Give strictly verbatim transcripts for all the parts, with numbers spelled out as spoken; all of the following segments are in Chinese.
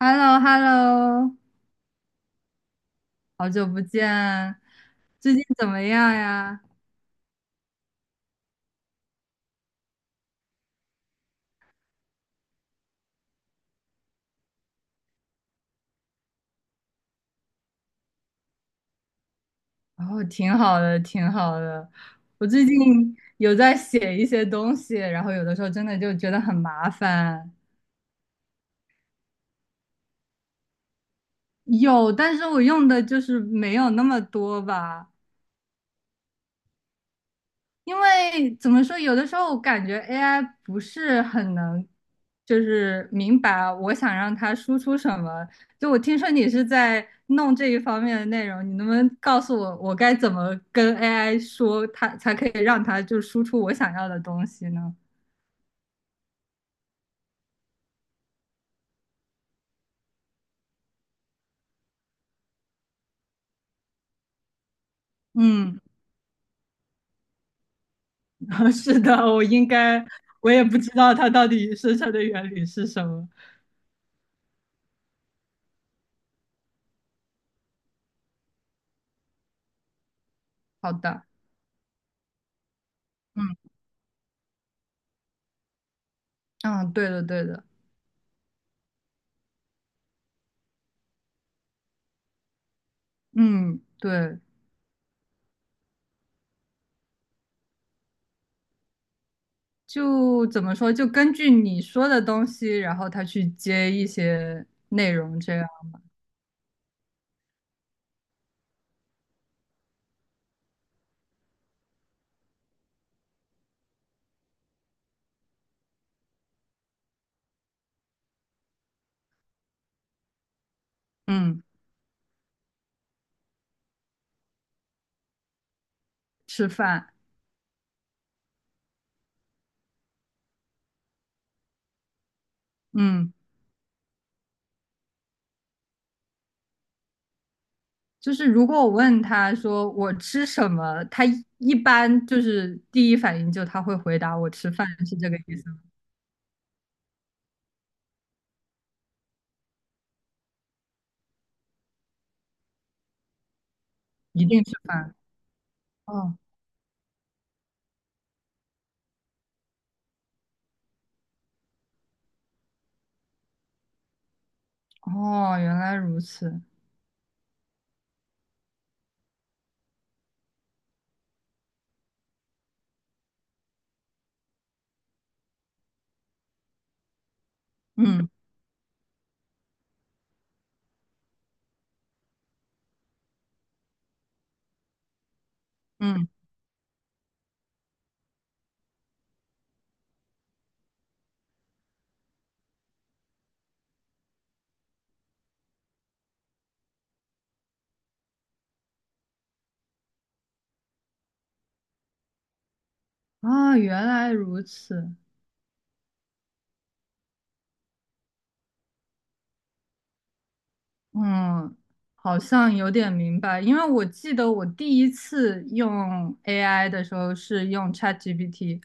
h e l l o h e l l o 好久不见，最近怎么样呀？哦，挺好的，挺好的。我最近有在写一些东西，然后有的时候真的就觉得很麻烦。有，但是我用的就是没有那么多吧。因为怎么说，有的时候我感觉 A I 不是很能，就是明白我想让它输出什么。就我听说你是在弄这一方面的内容，你能不能告诉我，我该怎么跟 A I 说它，才可以让它就输出我想要的东西呢？嗯，是的，我应该，我也不知道它到底生成的原理是什么。好的，嗯嗯，对的对的，嗯对。就怎么说，就根据你说的东西，然后他去接一些内容，这样，嗯，吃饭，嗯，就是如果我问他说我吃什么，他一一般就是第一反应就他会回答我吃饭，是这个意思吗？一定吃饭。哦哦，原来如此，嗯嗯，啊，原来如此，嗯，好像有点明白，因为我记得我第一次用 A I 的时候是用 ChatGPT，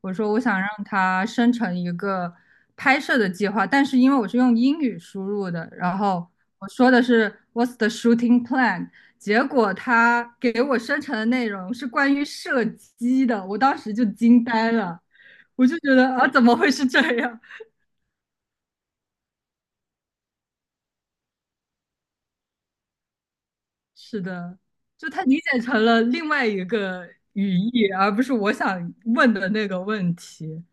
我说我想让它生成一个拍摄的计划，但是因为我是用英语输入的，然后我说的是 "What's the shooting plan"，结果它给我生成的内容是关于射击的，我当时就惊呆了，我就觉得啊，怎么会是这样？是的，就他理解成了另外一个语义，而不是我想问的那个问题。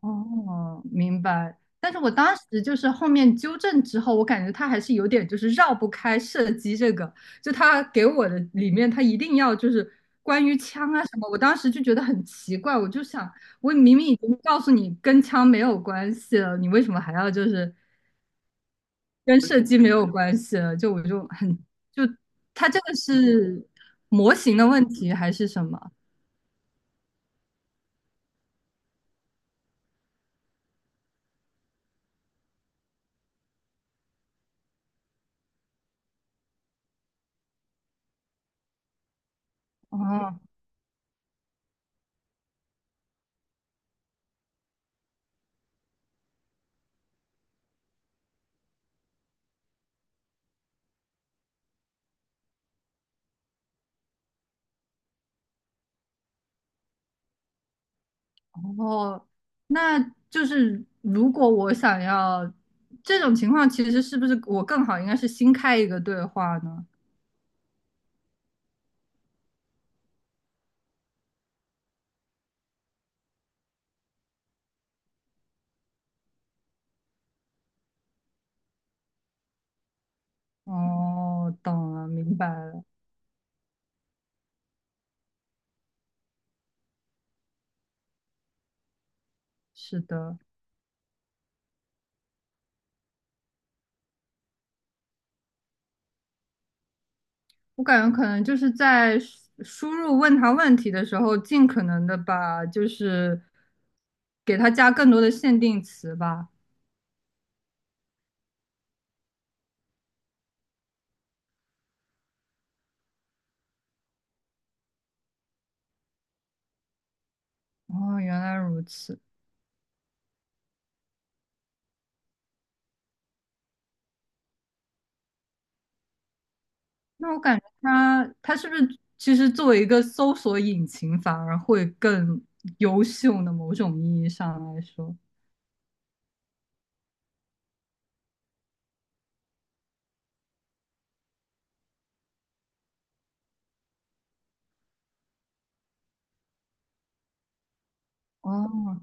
哦，明白。但是我当时就是后面纠正之后，我感觉他还是有点就是绕不开射击这个，就他给我的里面，他一定要就是关于枪啊什么，我当时就觉得很奇怪，我就想，我明明已经告诉你跟枪没有关系了，你为什么还要就是跟设计没有关系了，就我就很就它这个是模型的问题还是什么？哦哦，那就是如果我想要这种情况，其实是不是我更好应该是新开一个对话呢？哦，懂了，明白了，是的，我感觉可能就是在输输入问他问题的时候，尽可能的把就是给他加更多的限定词吧。哦，原来如此。那我感觉它它是不是其实作为一个搜索引擎，反而会更优秀呢？某种意义上来说，哦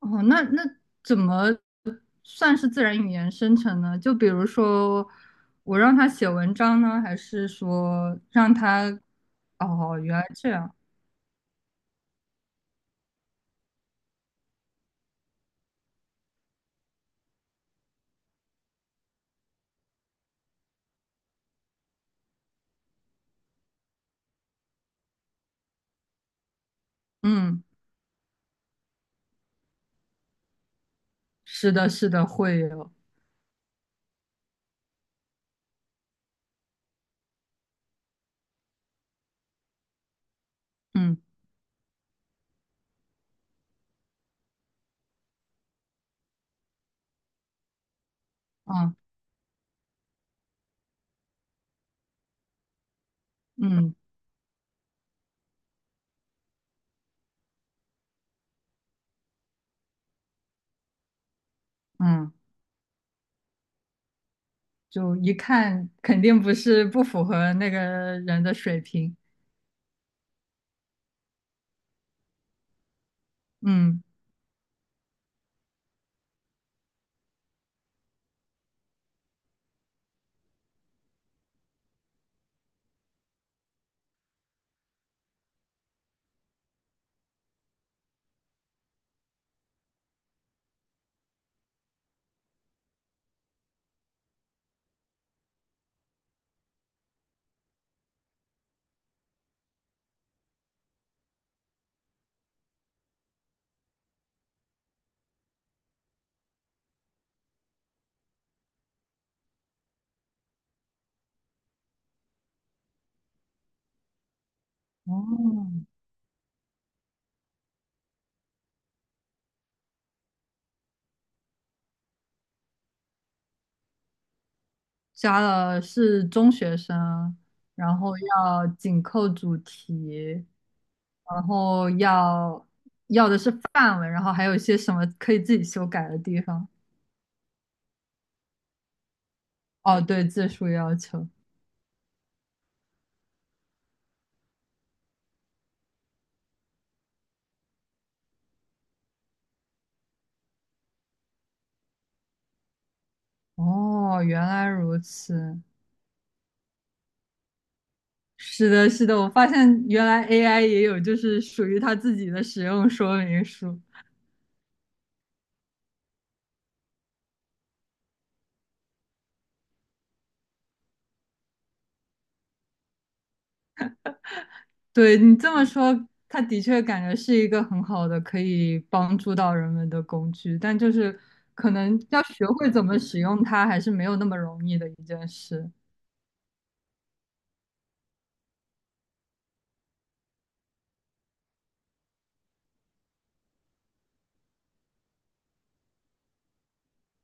哦，那那怎么算是自然语言生成呢？就比如说我让它写文章呢，还是说让它……哦，原来这样，嗯，是的，是的，会有，嗯嗯嗯嗯，就一看肯定不是不符合那个人的水平，嗯。哦，加了是中学生，然后要紧扣主题，然后要要的是范文，然后还有一些什么可以自己修改的地方。哦，对，字数要求。哦，原来如此。是的，是的，我发现原来 A I 也有就是属于它自己的使用说明书。对你这么说，它的确感觉是一个很好的可以帮助到人们的工具，但就是可能要学会怎么使用它，还是没有那么容易的一件事。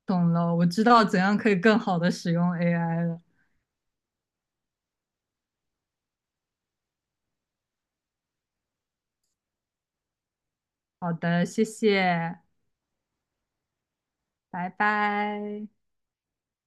懂了，我知道怎样可以更好的使用 A I 了。好的，谢谢，拜拜。